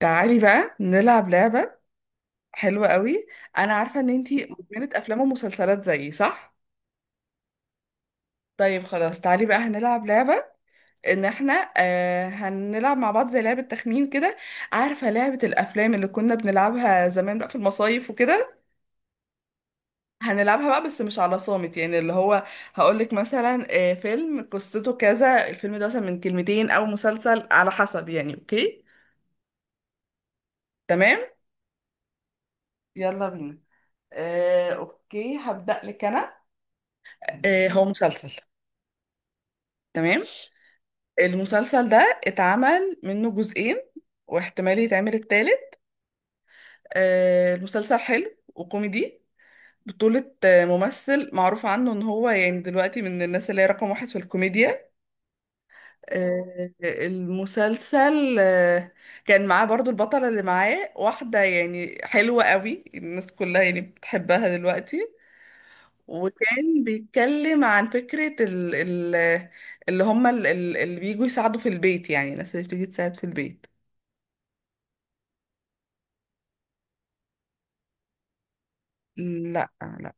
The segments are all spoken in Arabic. تعالي بقى نلعب لعبة حلوة قوي. أنا عارفة إن أنتي مدمنة أفلام ومسلسلات زيي، صح؟ طيب خلاص، تعالي بقى هنلعب لعبة إن احنا هنلعب مع بعض زي لعبة تخمين كده. عارفة لعبة الأفلام اللي كنا بنلعبها زمان بقى في المصايف وكده؟ هنلعبها بقى بس مش على صامت، يعني اللي هو هقولك مثلا فيلم قصته كذا، الفيلم ده مثلا من كلمتين أو مسلسل على حسب يعني، أوكي؟ تمام؟ يلا بينا. اوكي هبدأ لك انا. هو مسلسل. تمام. المسلسل ده اتعمل منه جزئين واحتمال يتعمل التالت. المسلسل حلو وكوميدي، بطولة ممثل معروف عنه ان هو يعني دلوقتي من الناس اللي هي رقم واحد في الكوميديا. آه، المسلسل آه، كان معاه برضو البطلة اللي معاه، واحدة يعني حلوة قوي، الناس كلها يعني بتحبها دلوقتي. وكان بيتكلم عن فكرة ال اللي هم اللي بيجوا يساعدوا في البيت، يعني الناس اللي بتيجي تساعد في البيت. لا لا.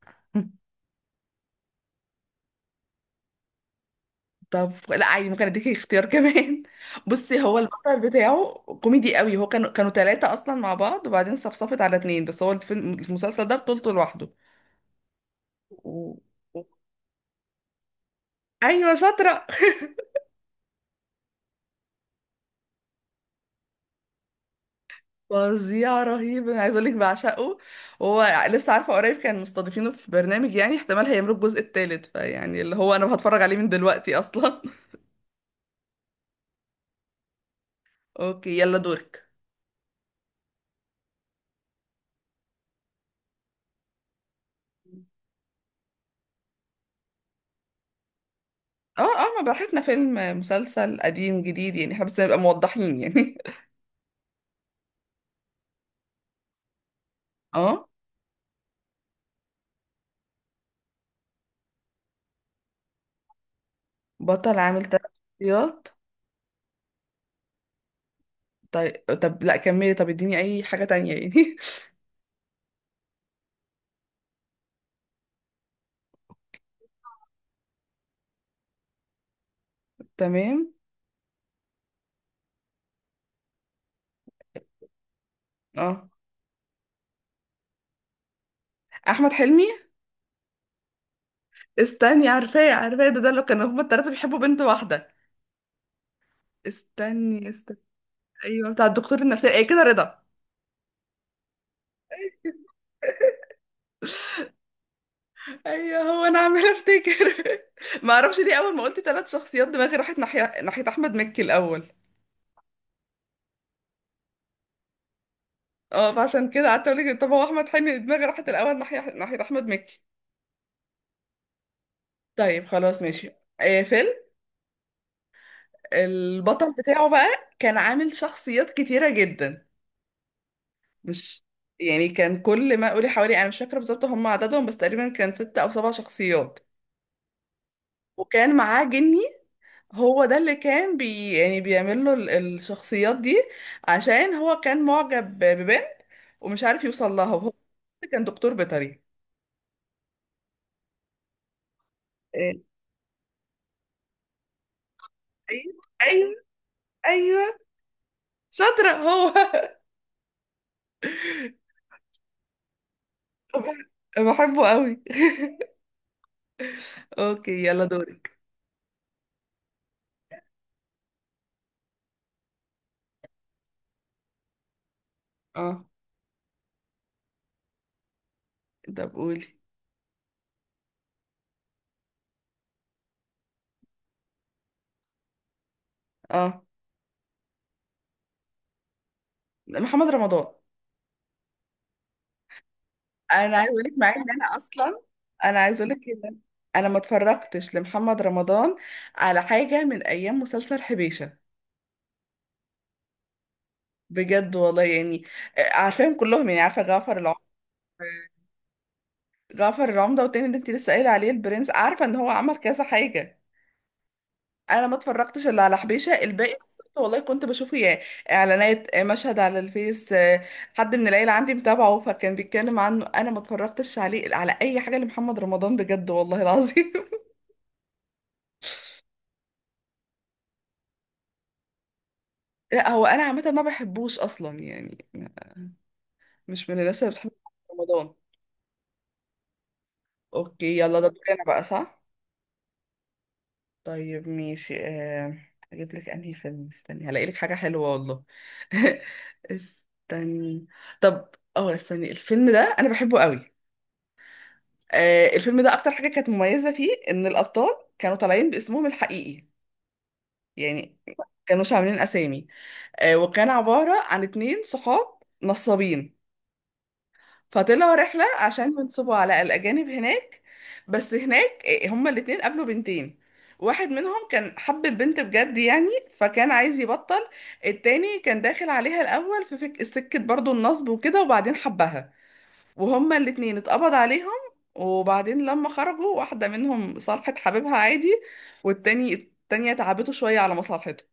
طب لا عادي، ممكن اديكي اختيار كمان. بصي، هو البطل بتاعه كوميدي قوي، هو كانوا ثلاثة اصلا مع بعض وبعدين صفصفت على اتنين، بس هو الفيلم المسلسل ده بطولته لوحده و... و- ايوه شاطرة. فظيع، رهيب، انا عايز اقول لك بعشقه. هو لسه عارفة قريب كان مستضيفينه في برنامج، يعني احتمال هيعملوا الجزء الثالث، فيعني اللي هو انا هتفرج عليه من دلوقتي اصلا. اوكي يلا دورك. اه اه، ما براحتنا، فيلم مسلسل قديم جديد يعني، احنا بس نبقى موضحين يعني. اه. بطل عامل تلات شخصيات. طيب طب لا كملي، طب اديني اي حاجة تانية يعني. تمام. اه، احمد حلمي. استني، عارفاه عارفاه، ده ده اللي كانوا هما التلاتة بيحبوا بنت واحدة. استني استني. ايوه، بتاع الدكتور النفسي، ايه كده، رضا. ايوه، هو انا عمالة افتكر. ما اعرفش ليه اول ما قلت تلات شخصيات دماغي راحت ناحية، ناحية احمد مكي الاول. اه فعشان كده قعدت اقول لك طب هو احمد حلمي، دماغي راحت الاول ناحية، ناحية احمد مكي. طيب خلاص ماشي. آه فيلم، البطل بتاعه بقى كان عامل شخصيات كتيرة جدا. مش يعني، كان كل ما قولي حوالي، انا مش فاكرة بالظبط هم عددهم بس تقريبا كان ست او سبع شخصيات. وكان معاه جني، هو ده اللي كان يعني بيعمل له الشخصيات دي، عشان هو كان معجب ببنت ومش عارف يوصل لها، وهو كان دكتور بيطري. إيه، ايوه ايوه ايوه، شاطرة هو. بحبه قوي. اوكي يلا دورك. اه. ده بقولي. اه. محمد رمضان. انا عايز اقول لك مع ان انا اصلا، انا عايز اقول لك ان انا ما اتفرجتش لمحمد رمضان على حاجه من ايام مسلسل حبيشه، بجد والله يعني. عارفاهم كلهم، يعني عارفه جعفر العمدة، جعفر العمدة، والتاني اللي انت لسه قايله عليه البرنس، عارفه ان هو عمل كذا حاجه، انا ما اتفرجتش الا على حبيشه. الباقي والله كنت بشوفه يعني اعلانات، مشهد على الفيس، حد من العيله عندي متابعه فكان بيتكلم عنه، انا ما اتفرجتش عليه على اي حاجه لمحمد رمضان بجد والله العظيم. لا هو انا عامه ما بحبوش اصلا يعني، مش من الناس اللي بتحب رمضان. اوكي يلا ده دوري انا بقى، صح؟ طيب ماشي. اجيب لك انهي فيلم، استني هلاقي لك حاجه حلوه والله. استني. طب اه استني، الفيلم ده انا بحبه قوي. الفيلم ده اكتر حاجه كانت مميزه فيه ان الابطال كانوا طالعين باسمهم الحقيقي، يعني ما كانوش عاملين اسامي. وكان عباره عن اتنين صحاب نصابين، فطلعوا رحلة عشان ينصبوا على الأجانب هناك. بس هناك هما الاتنين قابلوا بنتين، واحد منهم كان حب البنت بجد يعني فكان عايز يبطل، التاني كان داخل عليها الأول في سكة برضو النصب وكده وبعدين حبها. وهما الاتنين اتقبض عليهم، وبعدين لما خرجوا واحدة منهم صالحت حبيبها عادي، والتاني التانية تعبته شوية على مصالحته.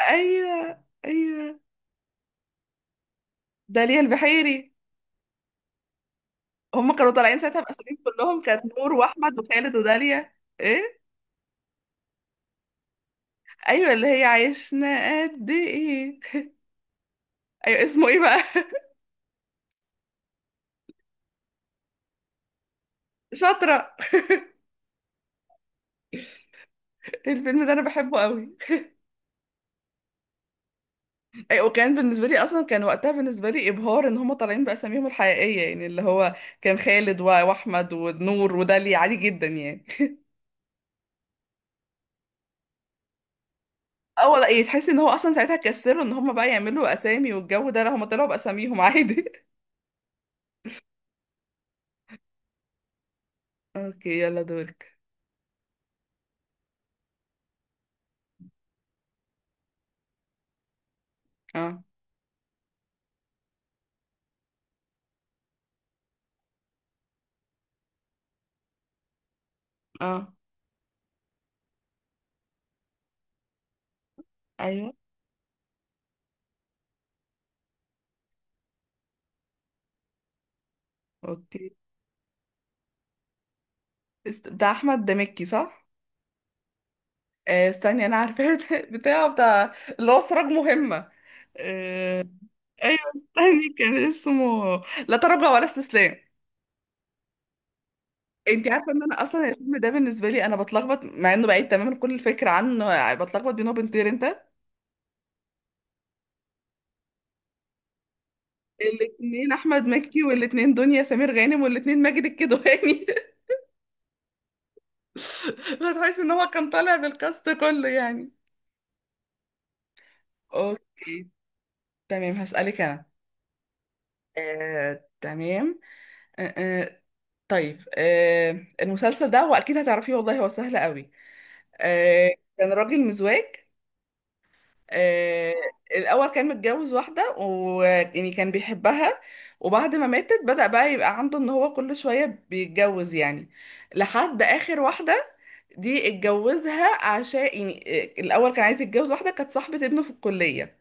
أيوه أيوه. داليا البحيري. هم كانوا طالعين ساعتها مقسمين كلهم، كانت نور واحمد وخالد وداليا. ايه. ايوه اللي هي عشنا قد ايه. ايوه اسمه ايه بقى؟ شاطره، الفيلم ده انا بحبه قوي. ايوه، وكان بالنسبه لي اصلا، كان وقتها بالنسبه لي ابهار ان هم طالعين باساميهم الحقيقيه، يعني اللي هو كان خالد واحمد ونور وداليا، عادي جدا يعني. اه ولا ايه، تحس ان هو اصلا ساعتها كسروا ان هم بقى يعملوا اسامي والجو ده، لا هم طلعوا باساميهم عادي. اوكي يلا دورك. اه اه ايوه اوكي. بتاع احمد دمكي صح؟ آه استني انا عارفاه. بتاع اللي هو سراج مهمة. آه. ايوه استني، كان اسمه لا تراجع ولا استسلام. انت عارفه ان انا اصلا الفيلم ده بالنسبه لي انا بتلخبط، مع انه بعيد تماما كل الفكره عنه، يعني بتلخبط بينه وبين طير انت. الاثنين احمد مكي، والاثنين دنيا سمير غانم، والاثنين ماجد الكدواني. هتحس ان هو كان طالع بالكاست كله يعني. اوكي. تمام هسألك انا. آه، تمام آه، آه، طيب آه المسلسل ده واكيد هتعرفيه والله، هو سهل قوي. آه. كان راجل مزواج. آه. الاول كان متجوز واحده ويعني كان بيحبها، وبعد ما ماتت بدأ بقى يبقى عنده ان هو كل شويه بيتجوز يعني، لحد اخر واحده دي اتجوزها، عشان يعني، الاول كان عايز يتجوز واحده كانت صاحبه ابنه في الكليه،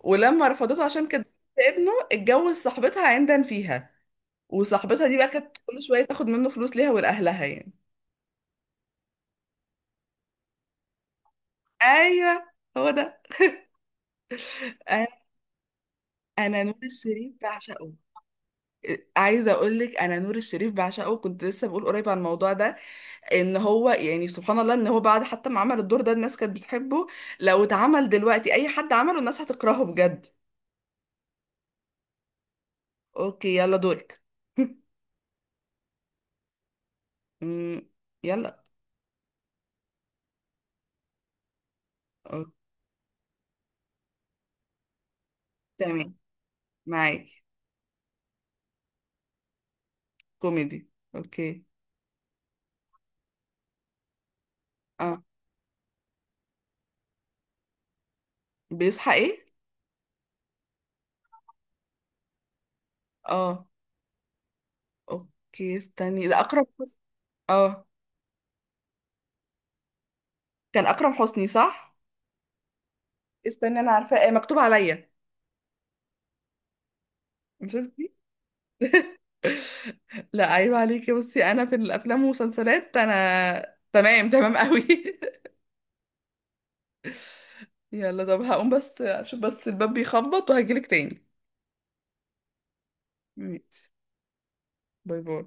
ولما رفضته عشان كانت بنت ابنه اتجوز صاحبتها عندا فيها، وصاحبتها دي بقى كانت كل شويه تاخد منه فلوس ليها ولاهلها يعني. ايوه، هو ده. انا أنا نور الشريف بعشقه. عايزه اقول لك انا نور الشريف بعشقه، كنت لسه بقول قريب عن الموضوع ده، ان هو يعني سبحان الله ان هو بعد حتى ما عمل الدور ده الناس كانت بتحبه، لو اتعمل دلوقتي اي حد عمله الناس هتكرهه بجد. اوكي يلا دورك. أمم، يلا. أوكي. تمام، معاكي. كوميدي، اوكي. اه. بيصحى ايه؟ اه اوكي استني، ده اكرم حسني. اه كان اكرم حسني صح. استني انا عارفاه، مكتوب عليا. شفتي؟ لا عيب عليكي، بصي انا في الافلام والمسلسلات انا تمام تمام قوي. يلا طب هقوم بس اشوف بس الباب بيخبط وهجيلك تاني. ماشي. باي باي.